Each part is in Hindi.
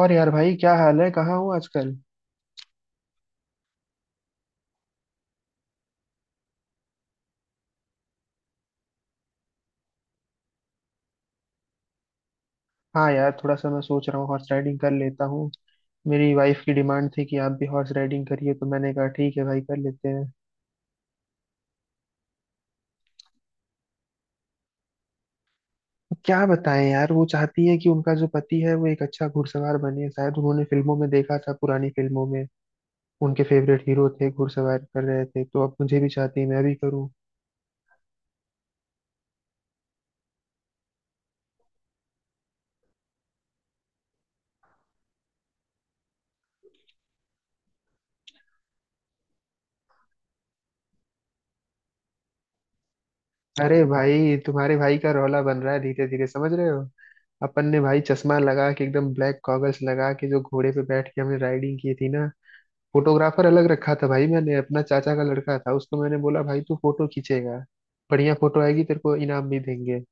और यार भाई क्या हाल है, कहाँ हूँ आजकल। हाँ यार थोड़ा सा मैं सोच रहा हूँ हॉर्स राइडिंग कर लेता हूँ। मेरी वाइफ की डिमांड थी कि आप भी हॉर्स राइडिंग करिए, तो मैंने कहा ठीक है भाई कर लेते हैं। क्या बताएं यार, वो चाहती है कि उनका जो पति है वो एक अच्छा घुड़सवार बने। शायद उन्होंने फिल्मों में देखा था, पुरानी फिल्मों में उनके फेवरेट हीरो थे घुड़सवार कर रहे थे, तो अब मुझे भी चाहती है मैं भी करूँ। अरे भाई, तुम्हारे भाई का रौला बन रहा है धीरे धीरे, समझ रहे हो। अपन ने भाई चश्मा लगा के, एकदम ब्लैक गॉगल्स लगा के जो घोड़े पे बैठ के हमने राइडिंग की थी ना, फोटोग्राफर अलग रखा था भाई मैंने। अपना चाचा का लड़का था, उसको मैंने बोला भाई तू फोटो खींचेगा, बढ़िया फोटो आएगी तेरे को इनाम भी देंगे।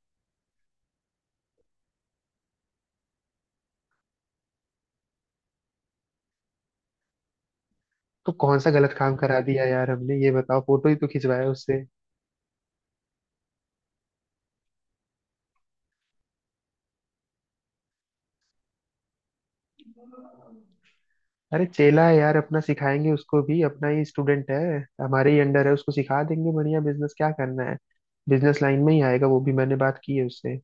तो कौन सा गलत काम करा दिया यार हमने, ये बताओ, फोटो ही तो खिंचवाया उससे। अरे चेला है यार अपना, सिखाएंगे उसको भी, अपना ही स्टूडेंट है, हमारे ही अंडर है, उसको सिखा देंगे बढ़िया बिजनेस क्या करना है। बिजनेस लाइन में ही आएगा वो भी, मैंने बात की है उससे।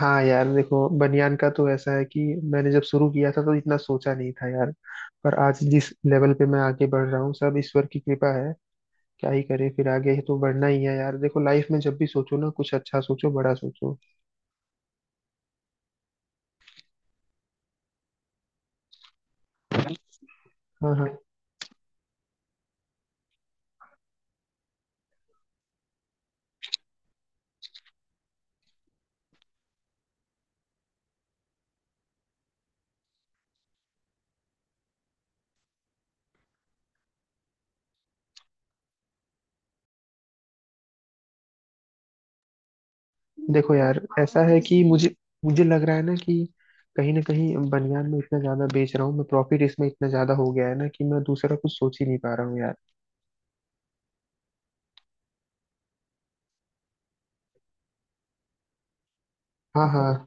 हाँ यार देखो, बनियान का तो ऐसा है कि मैंने जब शुरू किया था तो इतना सोचा नहीं था यार, पर आज जिस लेवल पे मैं आगे बढ़ रहा हूँ सब ईश्वर की कृपा है। क्या ही करे, फिर आगे ही तो बढ़ना ही है यार। देखो लाइफ में जब भी सोचो ना, कुछ अच्छा सोचो, बड़ा सोचो। हाँ हाँ। देखो यार ऐसा है कि मुझे मुझे लग रहा है ना कि कहीं ना कहीं बनियान में इतना ज्यादा बेच रहा हूँ मैं, प्रॉफिट इसमें इतना ज्यादा हो गया है ना कि मैं दूसरा कुछ सोच ही नहीं पा रहा हूँ यार। हाँ हाँ।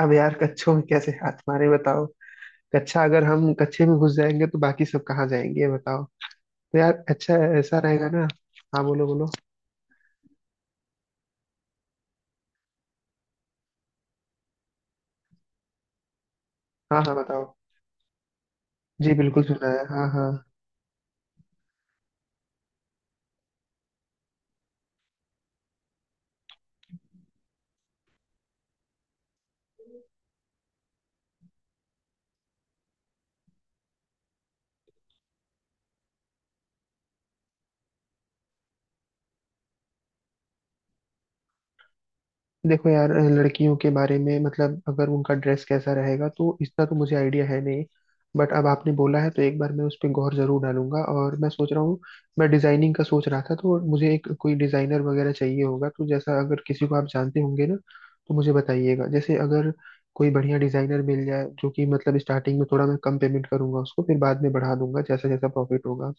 अब यार कच्छों में कैसे हाथ मारे बताओ। कच्छा, अगर हम कच्छे में घुस जाएंगे तो बाकी सब कहाँ जाएंगे, ये बताओ। तो यार अच्छा ऐसा रहेगा ना। हाँ बोलो बोलो। हाँ हाँ बताओ। जी बिल्कुल सुना है, हाँ हाँ। देखो यार, लड़कियों के बारे में मतलब अगर उनका ड्रेस कैसा रहेगा तो इतना तो मुझे आइडिया है नहीं, बट अब आपने बोला है तो एक बार मैं उस पर गौर जरूर डालूंगा। और मैं सोच रहा हूँ, मैं डिजाइनिंग का सोच रहा था, तो मुझे एक कोई डिजाइनर वगैरह चाहिए होगा, तो जैसा अगर किसी को आप जानते होंगे ना तो मुझे बताइएगा। जैसे अगर कोई बढ़िया डिजाइनर मिल जाए जो कि मतलब स्टार्टिंग में थोड़ा मैं कम पेमेंट करूंगा उसको, फिर बाद में बढ़ा दूंगा जैसा जैसा प्रॉफिट होगा।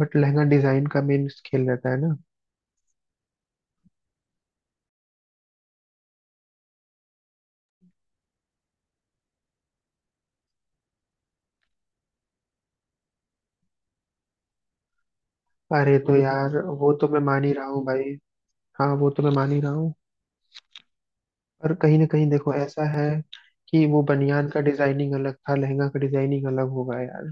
बट लहंगा डिजाइन का मेन खेल रहता है ना। अरे तो यार, वो तो मैं मान ही रहा हूँ भाई। हाँ वो तो मैं मान ही रहा हूँ, पर कहीं ना कहीं देखो ऐसा है कि वो बनियान का डिजाइनिंग अलग था, लहंगा का डिजाइनिंग अलग होगा यार।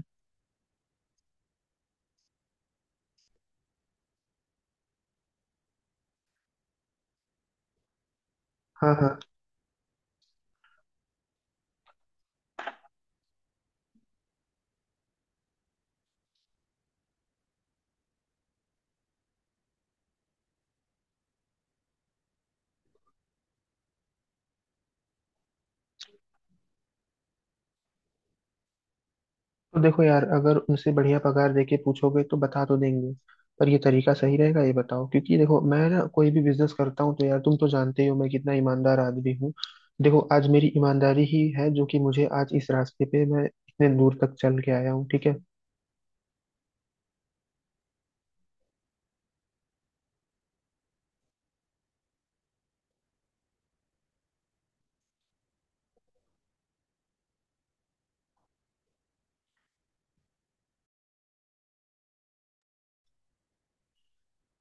हाँ हाँ। तो देखो यार, अगर उनसे बढ़िया पगार देके पूछोगे तो बता तो देंगे, पर ये तरीका सही रहेगा ये बताओ। क्योंकि देखो मैं ना कोई भी बिजनेस करता हूँ तो यार, तुम तो जानते ही हो मैं कितना ईमानदार आदमी हूँ। देखो, आज मेरी ईमानदारी ही है जो कि मुझे आज इस रास्ते पे मैं इतने दूर तक चल के आया हूँ, ठीक है।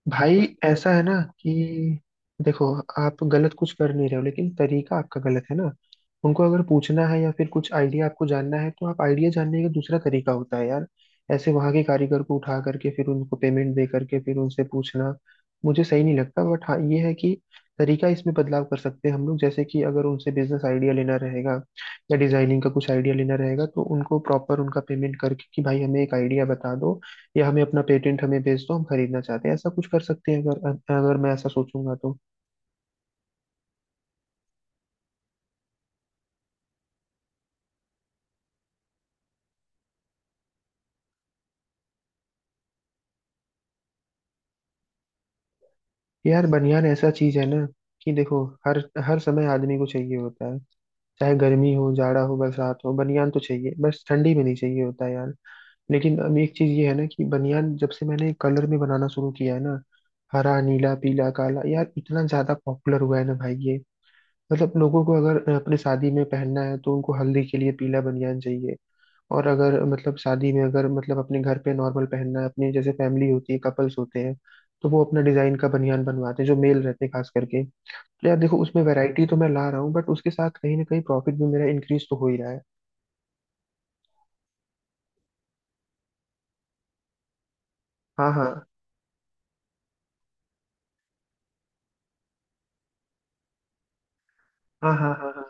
भाई ऐसा है ना कि देखो, आप गलत कुछ कर नहीं रहे हो, लेकिन तरीका आपका गलत है ना। उनको अगर पूछना है या फिर कुछ आइडिया आपको जानना है, तो आप आइडिया जानने का दूसरा तरीका होता है यार। ऐसे वहां के कारीगर को उठा करके फिर उनको पेमेंट दे करके फिर उनसे पूछना मुझे सही नहीं लगता। बट हाँ, ये है कि तरीका इसमें बदलाव कर सकते हैं हम लोग। जैसे कि अगर उनसे बिजनेस आइडिया लेना रहेगा या डिजाइनिंग का कुछ आइडिया लेना रहेगा, तो उनको प्रॉपर उनका पेमेंट करके कि भाई हमें एक आइडिया बता दो, या हमें अपना पेटेंट हमें भेज दो हम खरीदना चाहते हैं, ऐसा कुछ कर सकते हैं अगर अगर मैं ऐसा सोचूंगा तो। यार बनियान ऐसा चीज है ना कि देखो हर हर समय आदमी को चाहिए होता है। चाहे गर्मी हो, जाड़ा हो, बरसात हो, बनियान तो चाहिए, बस ठंडी में नहीं चाहिए होता है यार। लेकिन अब एक चीज ये है ना कि बनियान जब से मैंने कलर में बनाना शुरू किया है ना, हरा नीला पीला काला, यार इतना ज्यादा पॉपुलर हुआ है ना भाई ये। मतलब लोगों को अगर अपने शादी में पहनना है तो उनको हल्दी के लिए पीला बनियान चाहिए। और अगर मतलब शादी में, अगर मतलब अपने घर पे नॉर्मल पहनना है, अपनी जैसे फैमिली होती है, कपल्स होते हैं, तो वो अपना डिजाइन का बनियान बनवाते हैं जो मेल रहते हैं खास करके। तो यार देखो, उसमें वैरायटी तो मैं ला रहा हूँ, बट उसके साथ कहीं ना कहीं प्रॉफिट भी मेरा इंक्रीज तो हो ही रहा है। हाँ हाँ हाँ हाँ। हाँ हाँ।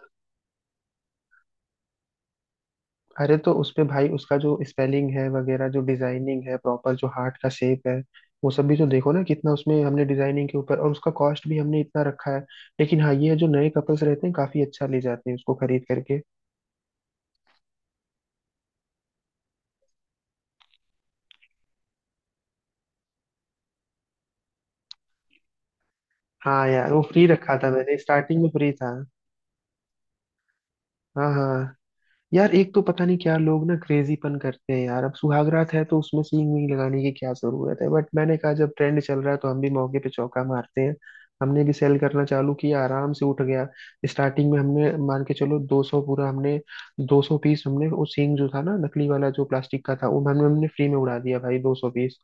अरे तो उस पे भाई, उसका जो स्पेलिंग है वगैरह, जो डिजाइनिंग है प्रॉपर, जो हार्ट का शेप है, वो सब भी तो देखो ना कितना उसमें हमने डिजाइनिंग के ऊपर, और उसका कॉस्ट भी हमने इतना रखा है। लेकिन हाँ ये है, जो नए कपल्स रहते हैं काफी अच्छा ले जाते हैं उसको खरीद करके। हाँ यार वो फ्री रखा था मैंने, स्टार्टिंग में फ्री था। हाँ हाँ। यार एक तो पता नहीं क्या लोग ना क्रेजीपन करते हैं यार। अब सुहागरात है तो उसमें सींग वींग लगाने की क्या जरूरत है, बट मैंने कहा जब ट्रेंड चल रहा है तो हम भी मौके पे चौका मारते हैं। हमने भी सेल करना चालू किया, आराम से उठ गया। स्टार्टिंग में हमने मान के चलो 200 पूरा हमने, 200 पीस, हमने वो सींग जो था ना नकली वाला जो प्लास्टिक का था वो हमने हमने फ्री में उड़ा दिया भाई, 200 पीस।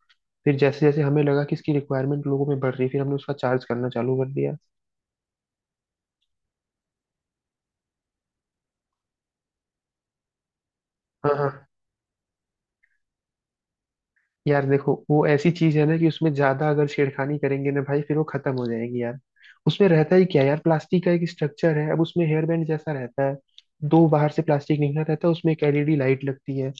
फिर जैसे जैसे हमें लगा कि इसकी रिक्वायरमेंट लोगों में बढ़ रही, फिर हमने उसका चार्ज करना चालू कर दिया। हाँ हाँ। यार देखो वो ऐसी चीज है ना कि उसमें ज्यादा अगर छेड़खानी करेंगे ना भाई, फिर वो खत्म हो जाएगी यार। उसमें रहता ही क्या यार, प्लास्टिक का एक स्ट्रक्चर है, अब उसमें हेयर बैंड जैसा रहता है, दो बाहर से प्लास्टिक निकला रहता है, उसमें एक एलईडी लाइट लगती है,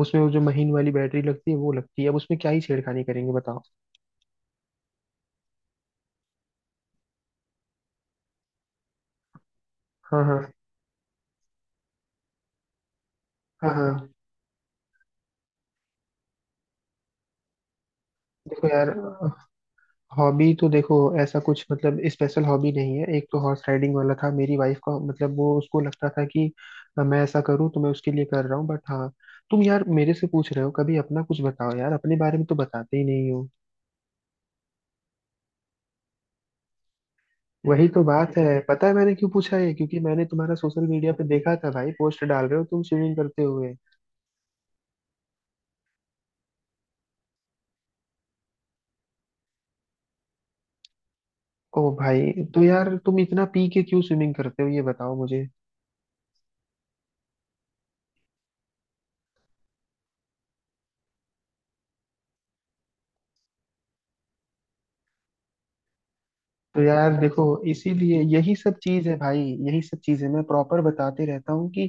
उसमें वो जो महीन वाली बैटरी लगती है वो लगती है, अब उसमें क्या ही छेड़खानी करेंगे बताओ। हाँ हाँ हाँ हाँ। देखो यार, हॉबी तो देखो ऐसा कुछ मतलब स्पेशल हॉबी नहीं है। एक तो हॉर्स राइडिंग वाला था मेरी वाइफ का, मतलब वो उसको लगता था कि मैं ऐसा करूं, तो मैं उसके लिए कर रहा हूं। बट हाँ, तुम यार मेरे से पूछ रहे हो, कभी अपना कुछ बताओ यार, अपने बारे में तो बताते ही नहीं हो। वही तो बात है, पता है मैंने क्यों पूछा है, क्योंकि मैंने तुम्हारा सोशल मीडिया पे देखा था भाई, पोस्ट डाल रहे हो तुम स्विमिंग करते हुए। ओ भाई, तो यार तुम इतना पी के क्यों स्विमिंग करते हो ये बताओ मुझे। तो यार देखो, इसीलिए यही सब चीज है भाई। यही सब चीज है, मैं प्रॉपर बताते रहता हूँ कि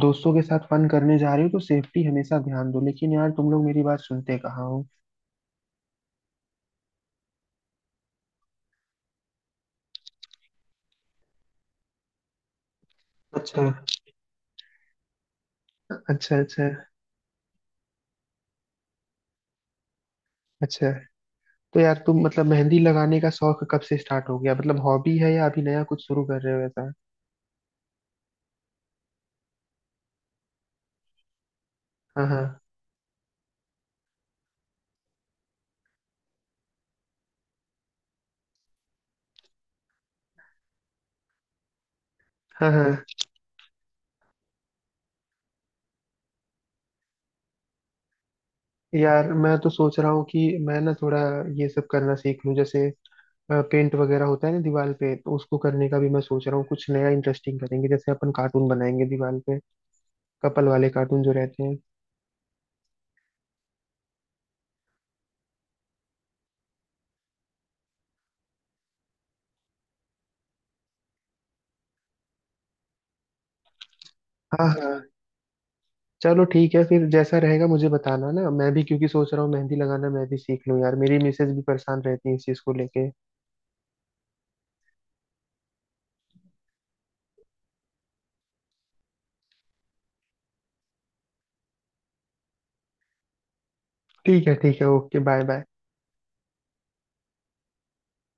दोस्तों के साथ फन करने जा रहे हो तो सेफ्टी हमेशा ध्यान दो, लेकिन यार तुम लोग मेरी बात सुनते कहाँ हो। अच्छा अच्छा। अच्छा अच्छा। तो यार तुम मतलब मेहंदी लगाने का शौक कब से स्टार्ट हो गया, मतलब हॉबी है या अभी नया कुछ शुरू कर रहे हो ऐसा। हाँ हाँ हाँ हाँ। यार मैं तो सोच रहा हूँ कि मैं ना थोड़ा ये सब करना सीख लूँ, जैसे पेंट वगैरह होता है ना दीवार पे, तो उसको करने का भी मैं सोच रहा हूँ। कुछ नया इंटरेस्टिंग करेंगे, जैसे अपन कार्टून बनाएंगे दीवार पे, कपल वाले कार्टून जो रहते हैं। हाँ हाँ। चलो ठीक है, फिर जैसा रहेगा मुझे बताना ना, मैं भी क्योंकि सोच रहा हूँ मेहंदी लगाना मैं भी सीख लूँ यार, मेरी मिसेज भी परेशान रहती है इस चीज़ को लेके। ठीक है ठीक है, ओके बाय बाय।